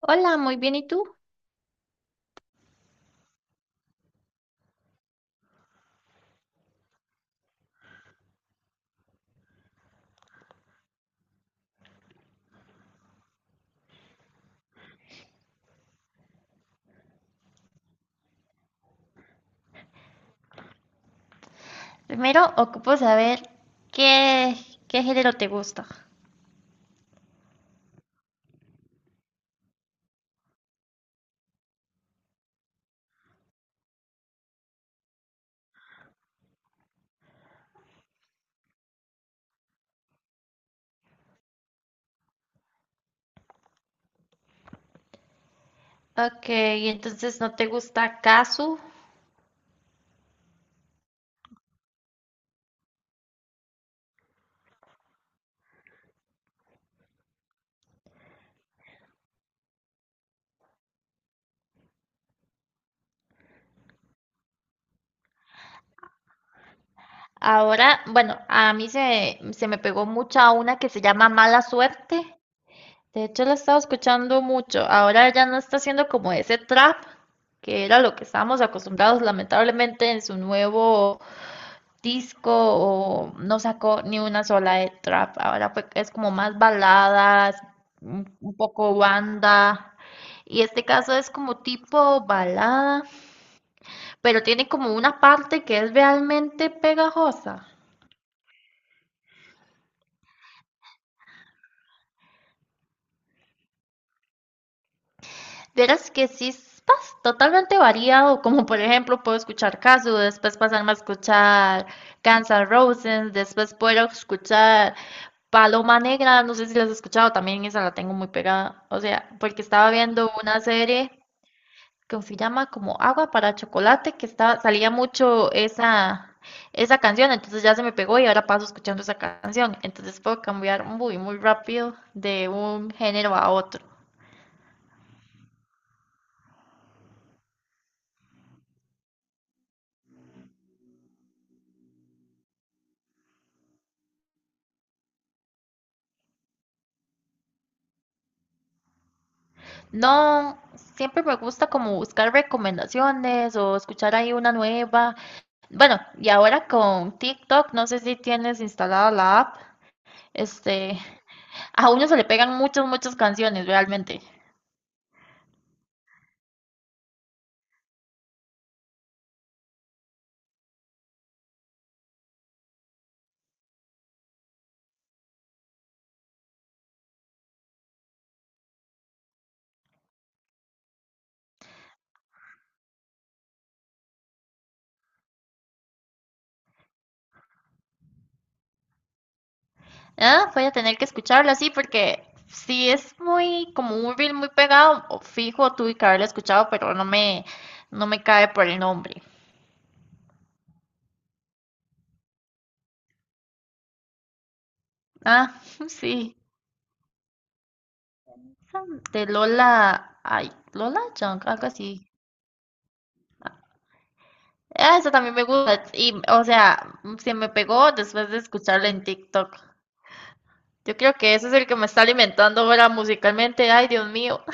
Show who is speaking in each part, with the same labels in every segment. Speaker 1: Hola, muy bien, ¿y tú? Primero ocupo saber qué, qué género te gusta. Ok, entonces no te gusta Kazu. Ahora, bueno, a mí se me pegó mucha una que se llama Mala Suerte. De hecho, la he estado escuchando mucho. Ahora ya no está haciendo como ese trap, que era lo que estábamos acostumbrados, lamentablemente, en su nuevo disco o no sacó ni una sola de trap. Ahora es como más baladas, un poco banda. Y este caso es como tipo balada, pero tiene como una parte que es realmente pegajosa. Verás que sí es totalmente variado, como por ejemplo puedo escuchar Casu, después pasarme a escuchar Guns N' Roses, después puedo escuchar Paloma Negra, no sé si las has escuchado, también esa la tengo muy pegada. O sea, porque estaba viendo una serie que se llama como Agua para Chocolate, que estaba, salía mucho esa canción, entonces ya se me pegó y ahora paso escuchando esa canción. Entonces puedo cambiar muy, muy rápido de un género a otro. No, siempre me gusta como buscar recomendaciones o escuchar ahí una nueva. Bueno, y ahora con TikTok, no sé si tienes instalada la app. Este, A uno se le pegan muchas, muchas canciones, realmente. Ah, voy a tener que escucharla así porque si es muy, como un reel muy pegado, o fijo, tuve que haberla escuchado, pero no me cae por el nombre. Ah, sí. De Lola, ay, Lola Young, algo así. Ah, esa también me gusta. Y, o sea, se me pegó después de escucharla en TikTok. Yo creo que ese es el que me está alimentando ahora musicalmente. Ay, Dios mío.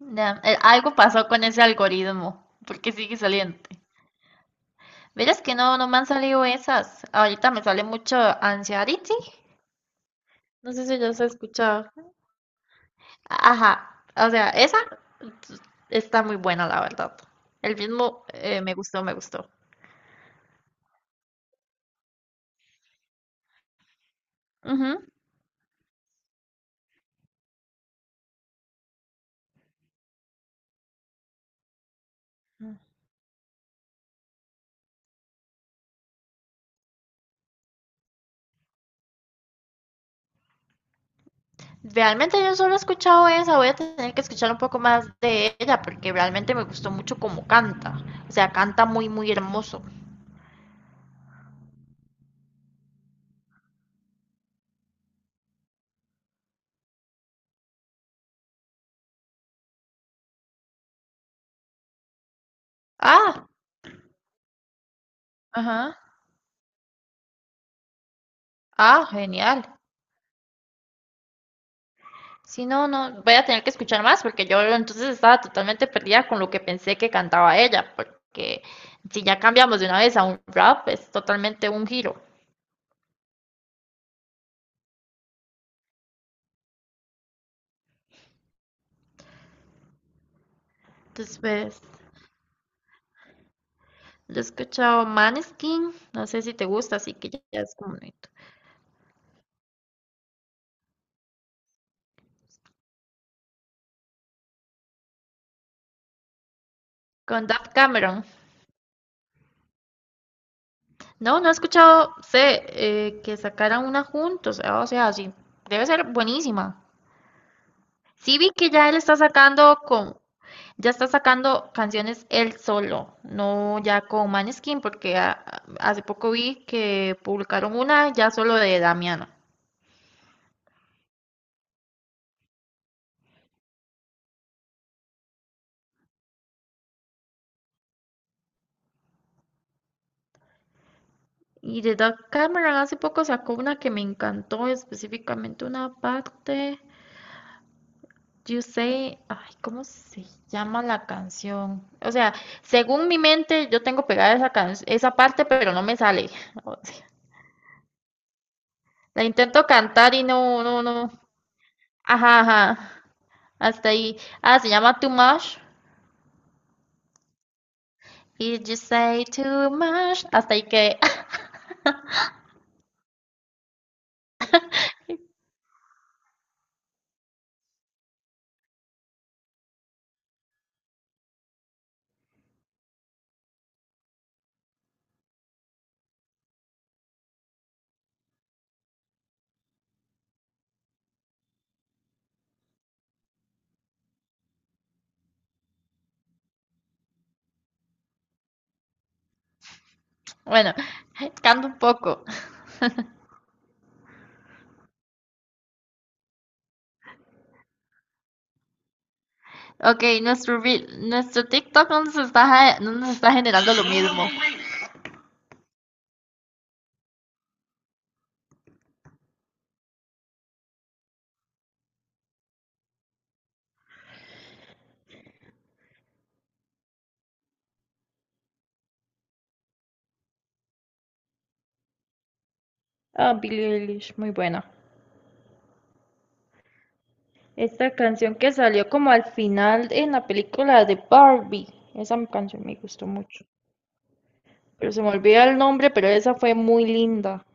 Speaker 1: Ya, algo pasó con ese algoritmo, porque sigue saliendo. Verás que no, no me han salido esas. Ahorita me sale mucho Anxiety. No sé si ya se ha escuchado. Ajá, o sea, t- está muy buena, la verdad. El ritmo me gustó, me gustó. Ujú. Realmente yo solo he escuchado esa, voy a tener que escuchar un poco más de ella porque realmente me gustó mucho cómo canta. O sea, canta muy, muy hermoso. Ah, ajá. Ah, genial. Si no, no, voy a tener que escuchar más porque yo entonces estaba totalmente perdida con lo que pensé que cantaba ella, porque si ya cambiamos de una vez a un rap, es totalmente un giro. Después, yo he escuchado Maneskin, no sé si te gusta, así que ya es como bonito. Con Daft Cameron. No, no he escuchado, sé, que sacaran una juntos, ah, o sea, sí, debe ser buenísima. Sí vi que ya él está sacando con, ya está sacando canciones él solo, no ya con Maneskin, porque hace poco vi que publicaron una ya solo de Damiano. Y de Doug Cameron hace poco sacó una que me encantó, específicamente una parte, You Say, ay, ¿cómo se llama la canción? O sea, según mi mente yo tengo pegada esa parte, pero no me sale. O sea, la intento cantar y no, no, no. Ajá, ajá. Hasta ahí. Ah, se llama Too Much. If you say too much. Hasta ahí que. Bueno, canto un poco. Ok, nuestro TikTok no nos está, no nos está generando lo mismo. Ah, Billie Eilish, muy buena. Esta canción que salió como al final en la película de Barbie. Esa canción me gustó mucho. Pero se me olvida el nombre, pero esa fue muy linda.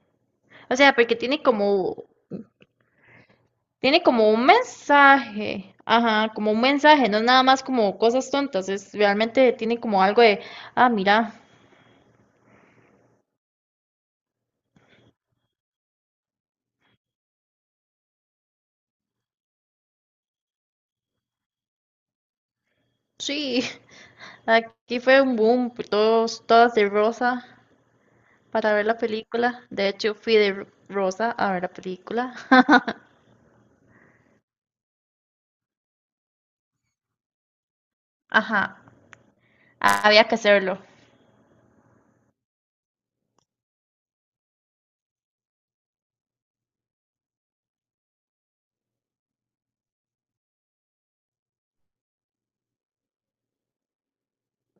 Speaker 1: O sea, porque tiene como Tiene como un mensaje, ajá, como un mensaje, no es nada más como cosas tontas, es realmente tiene como algo de, ah, mira, sí, aquí fue un boom, todos, todas de rosa para ver la película. De hecho, fui de rosa a ver la película. Ajá, había que hacerlo.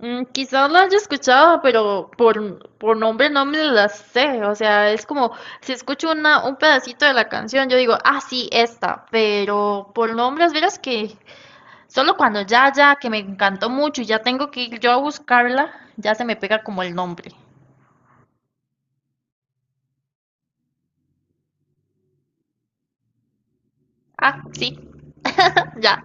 Speaker 1: Mm, quizás la haya escuchado, pero por nombre no me la sé. O sea, es como si escucho una, un pedacito de la canción, yo digo, ah, sí, esta. Pero por nombres, verás que solo cuando ya, que me encantó mucho y ya tengo que ir yo a buscarla, ya se me pega como el nombre. Ah, sí, ya.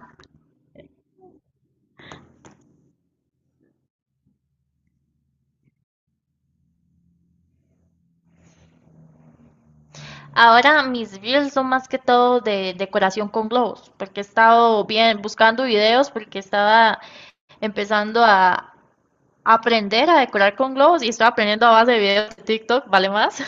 Speaker 1: Ahora mis reels son más que todo de decoración con globos, porque he estado bien buscando videos, porque estaba empezando a, aprender a decorar con globos y estoy aprendiendo a base de videos de TikTok, ¿vale más?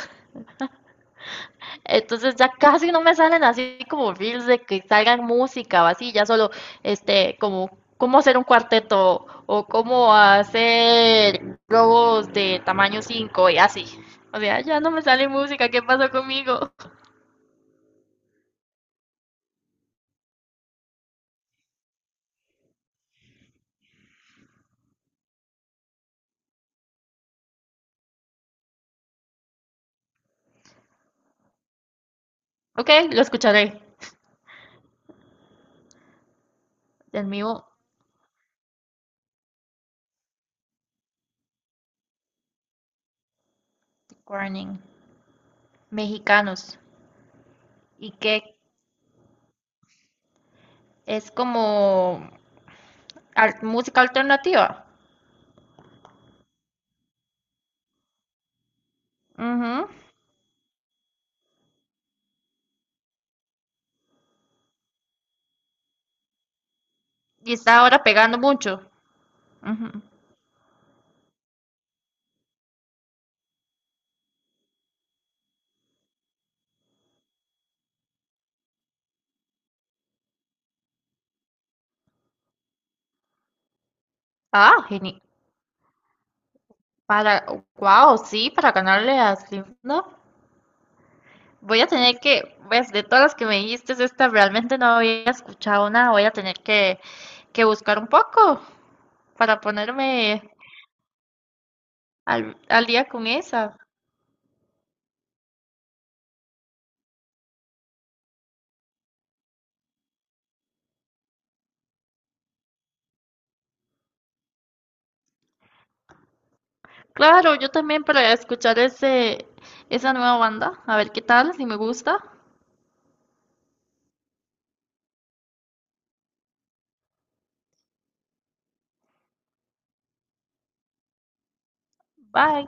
Speaker 1: Entonces ya casi no me salen así como reels de que salgan música o así, ya solo este como cómo hacer un cuarteto o cómo hacer globos de tamaño 5 y así. O sea, ya no me sale música, ¿qué pasó conmigo? Ok, lo escucharé. Del mío, Warning, mexicanos. ¿Y qué? Es como música alternativa. Ujú. Y está ahora pegando mucho. Ujú. Ah, genial. Para, wow, sí, para ganarle a Slim, no. Voy a tener que, pues, de todas las que me dijiste, esta realmente no había escuchado nada. Voy a tener que buscar un poco para ponerme al día con esa. Claro, yo también para escuchar esa nueva banda. A ver qué tal, si me gusta. Bye.